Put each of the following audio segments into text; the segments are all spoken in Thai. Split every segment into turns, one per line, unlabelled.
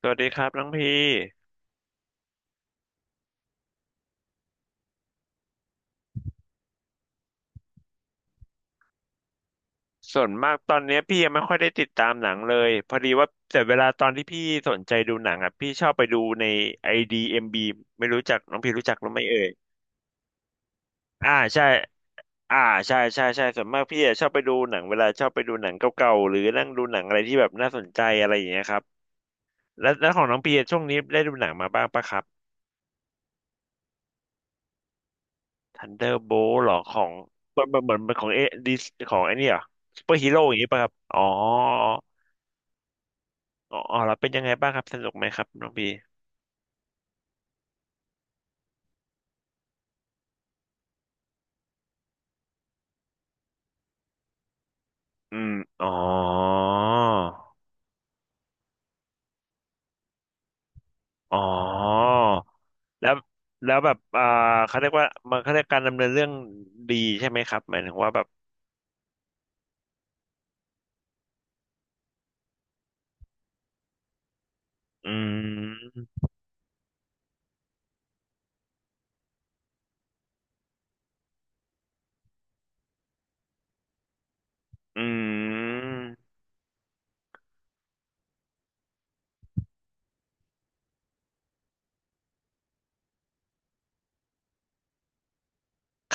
สวัสดีครับน้องพี่ส่วนมากตอนเนี้ยพี่ยังไม่ค่อยได้ติดตามหนังเลยพอดีว่าแต่เวลาตอนที่พี่สนใจดูหนังอ่ะพี่ชอบไปดูใน IDMB ไม่รู้จักน้องพี่รู้จักหรือไม่เอ่ยอ่าใช่อ่าใช่ใช่ใช่ส่วนมากพี่อะชอบไปดูหนังเวลาชอบไปดูหนังเก่าๆหรือนั่งดูหนังอะไรที่แบบน่าสนใจอะไรอย่างเงี้ยครับแล้วแล้วของน้องพี่อะช่วงนี้ได้ดูหนังมาบ้างปะครับ Thunderbolt หรอของเหมือนเหมือนเหมือนของเอดิของไอ้นี่เหรอซูเปอร์ฮีโร่อย่างงี้ปะครับอ๋อ อ๋ออ๋อแล้วเป็นยังไงบ้างครับสนุกไหมครับน้องบีอืมอ๋ออ๋อแล้วแล้วแบบเขาเรียกว่ามันเขาเรียกการดำเนินเรื่องดีใช่ไหมครับหมายถึงว่าแบบอืมอืม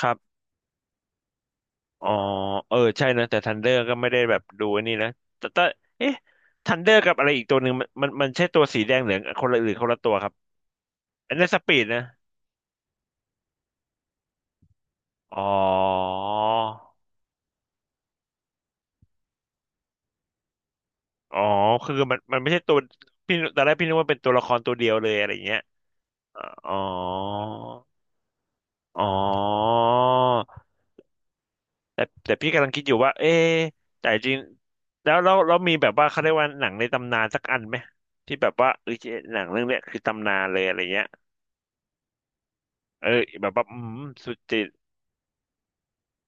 ครับอ๋อเออใช่นะแต่ทันเดอร์ก็ไม่ได้แบบดูไอ้นี่นะแต่แต่เอ๊ะทันเดอร์กับอะไรอีกตัวหนึ่งมันใช่ตัวสีแดงเหลืองคนละหรือคนละตัวครับอันนี้นสปีดนะอ๋อ อ๋อคือมันไม่ใช่ตัวพี่ตอนแรกพี่นึกว่าเป็นตัวละครตัวเดียวเลยอะไรอย่างเงี้ยอ๋ออ๋อแต่แต่พี่กำลังคิดอยู่ว่าเอ๊ะแต่จริงแล้วเราเรามีแบบว่าเขาเรียกว่าหนังในตำนานสักอันไหมที่แบบว่าเออหนังเรื่องเนี้ยคือตำนานเลยอะไรเงี้ยเออแบบว่าอืมสุดจิต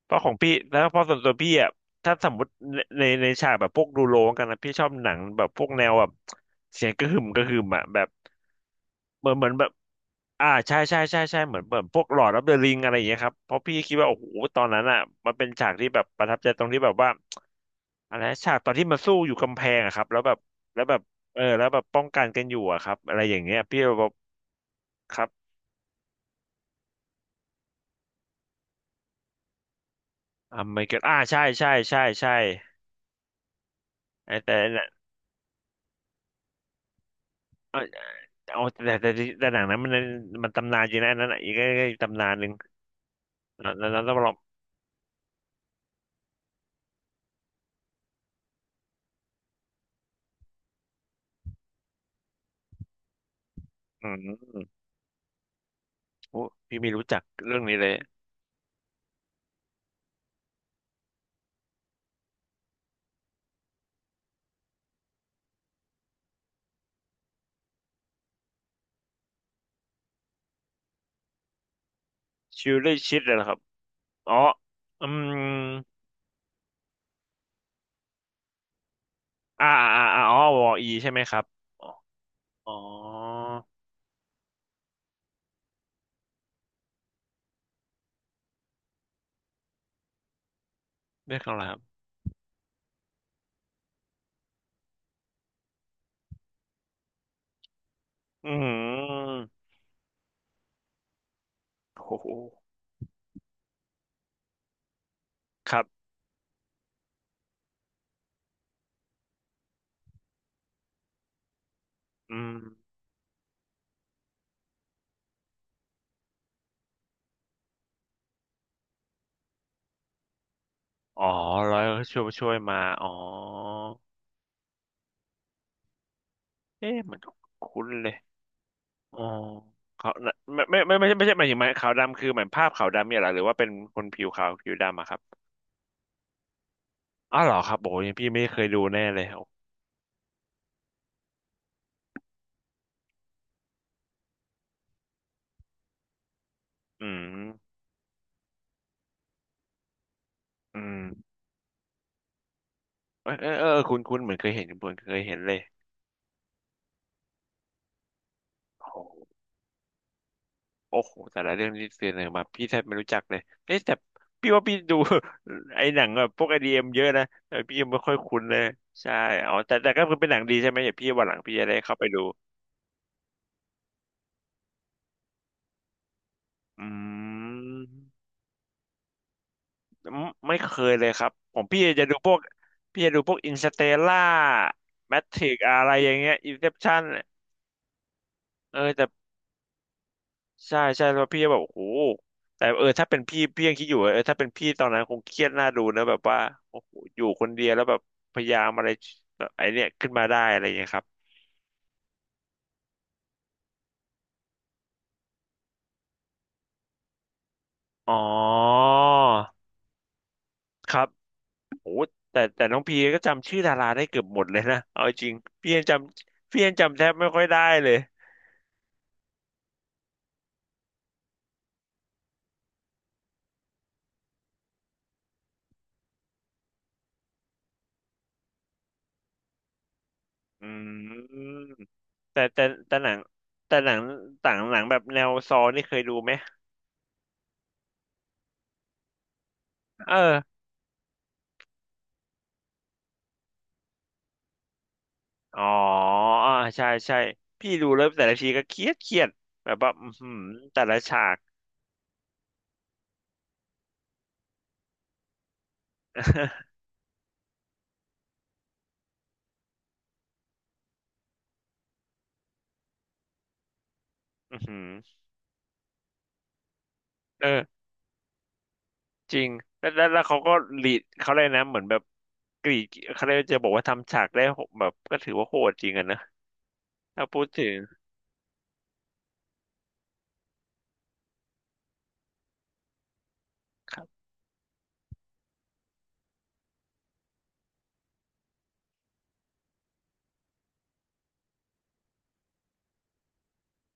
เพราะของพี่แล้วเพราะส่วนตัวพี่อ่ะถ้าสมมติในในในฉากแบบพวกดูโรงกันนะพี่ชอบหนังแบบพวกแนวแบบเสียงกระหึ่มกระหึ่มอ่ะแบบเหมือนเหมือนแบบ อ่าใช่ใช่ใช่ใช่เหมือนเหมือนพวกหลอดออฟเดอะริงอะไรอย่างเงี้ยครับเพราะพี่คิดว่าโอ้โหตอนนั้นอ่ะมันเป็นฉากที่แบบประทับใจตรงที่แบบว่าอะไรนะฉากตอนที่มันสู้อยู่กำแพงอะครับแล้วแบบแล้วแบบเออแล้วแบบป้องกันกันอยู่อะครับอะไรอย่างเงี้ยพี่แบบครับอ่าไม่เกิดอ่าใช่ใช่ใช่ใช่ไอ้แต่น่ะเออเอาแต่หนังนั้นมันมันตำนานจริงนะอันนั้นอะอีกก็ตำนานหนึ่งแล้วแล้วต้องลองอืมโอ้พี่ไม่รู้จักเรื่องนี้เลยชิลเลอร์ชิดเลยเหรอครับอ๋ออืม อ่าอ่าอ่าอ๋อวออีใช่ไหมครับอ๋ออ๋อเรียกอะไรครับอืมโอ้โหครับอืมอ๋อร้อยช่วยช่วยมาอ๋อเอ๊ะเหมันคุ้นเลยอ๋อเขาวไม่ใช่ไม่ใช่หมายถึงไหมขาวดำคือเหมือนภาพขาวดำเนี่ยเหรอหรือว่าเป็นคนผิวขาวผิวดำอะครับอ้าวเหรอครับโอ้ยพี่ไม่เคยดูแน่เลยโออืมอืมเออเออเออคุณคุณเหมือนเคยเห็นเหมือนเคยเห็นเลยโอ้ โอ้โหแต่ละเรื่องที่เสนอมาพี่แทบไม่รู้จักเลยเอ๊ะแต่พี่ว่าพี่ดู ไอ้หนังแบบพวกไอดีเอ็มเยอะนะแต่พี่ยังไม่ค่อยคุ้นเลยใช่อ๋อแต่แต่ก็คือเป็นหนังดีใช่ไหมเดี๋ยวพี่วันหลังพี่จะได้เข้าไปดูอืมไม่เคยเลยครับผมพี่จะดูพวกพี่จะดูพวกอินสเตล่าแมทริกอะไรอย่างเงี้ยอินเซปชั่นเออแต่ ใช่ใช่แล้วพี่ก็แบบโอ้โหแต่เออถ้าเป็นพี่พี่ยังคิดอยู่ว่าเออถ้าเป็นพี่ตอนนั้นคงเครียดน่าดูนะแบบว่าโอ้โหอยู่คนเดียวแล้วแบบพยายามอะไรแบบไอเนี่ยขึ้นมาได้อะไรอย่างเงี้ยครับอ๋อครับโอ้แต่แต่น้องพีก็จำชื่อดาราได้เกือบหมดเลยนะเอาจริงพี่ยังจำพี่ยังจำแทบไม่ค่อยได้เลยอืมแต่แต่แต่หนังแต่หนังต่างหนังแบบแนวซอนี่เคยดูไหมเออ อ๋ออ่าใช่ใช่พี่ดูแล้วแต่ละทีก็เครียดเครียดแบบว่าอือหือแต่ละฉาก อือหือเออจริงแล้วเขาก็รีดเขาเลยกนะเหมือนแบบกรีดเขาเลยกจะบอกว่าทำฉากได้โหแบบก็ถือว่าโหดจริงอะนะถ้าพูดถึงครับ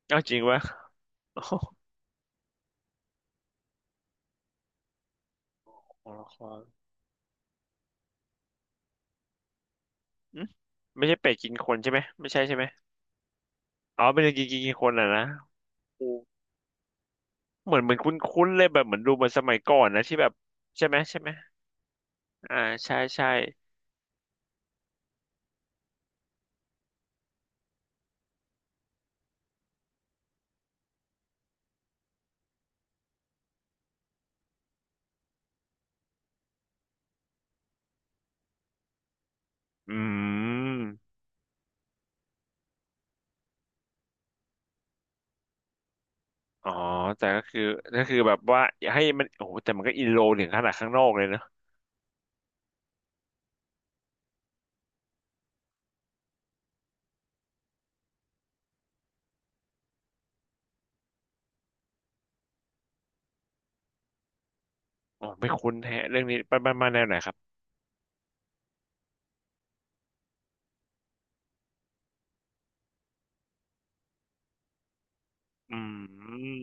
เอาจริงวะ โอ้โหของละครอืมไม่ใช่เป็ดกินคนใช่ไหมไม่ใช่ใช่ไหมอ๋อเป็นกินกินกินคนอ่ะนะโอ้เหมือนเหมือนคุ้นๆเลยแบบเหมือนดูมันสมัยก่อนนะที่แบบใช่ไหมใช่ไหมอ่าใช่ใช่ อืมอ๋อแต่ก็คือก็คือแบบว่าอยให้มันโอ้โหแต่มันก็อินโลถึงขนาดข้างนอกเลยเนอะอ๋อไม่คุ้นแฮะเรื่องนี้ไปไปมาแนวไหนครับอืม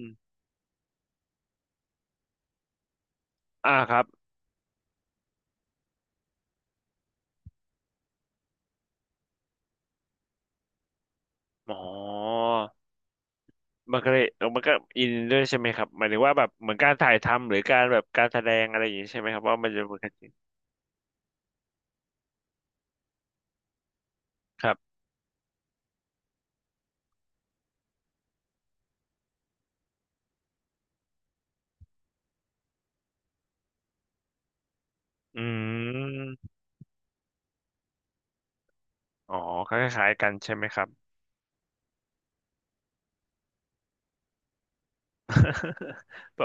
อ่าครับอ๋อมันก็เลยอมันก็อินด้วยใช่ไหมครับหมายถึงว่าแบบเหมือนการถ่ายทำหรือการแบบการแสดงอะไรอย่างนี้ใช่ไหมครับว่ามันจะเป็นกันจริงครับอืมอ๋อคล้ายๆกันใช่ไหมครับ ก็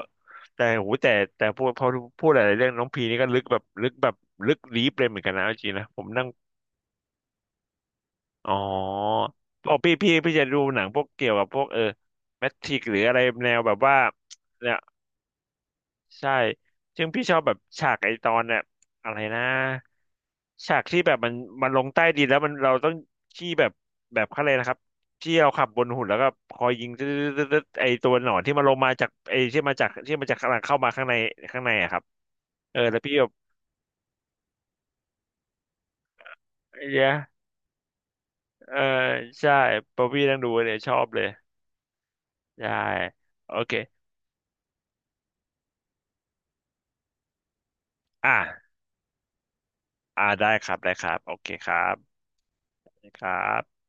แต่โหแต่แต่พูดพอพูดหลายๆเรื่องน้องพีนี่ก็ลึกแบบลึกแบบลึกลีฟเลยเหมือนกันนะเอาจริงนะผมนั่งอ๋ออ๋อพี่จะดูหนังพวกเกี่ยวกับพวกเออแมทริกหรืออะไรแนวแบบว่าแนว ใช่ซึ่งพี่ชอบแบบฉากไอตอนเนี่ยอะไรนะฉากที่แบบมันมันลงใต้ดินแล้วมันเราต้องที่แบบแบบเขาเลยกอะไรนะครับที่เราขับบนหุ่นแล้วก็คอยยิงตึ๊ดๆๆๆไอตัวหนอนที่มันลงมาจากไอที่มาจากที่มันจากข้างหลังเข้ามาข้างในข้างในอะครับเออแล้วพี่แบบเยอะเออใช่พอพี่นั่งดูเนี่ยชอบเลยใช่โอเคอ่ะอ่ะได้ครับได้ครับโอเคครับ้ครับ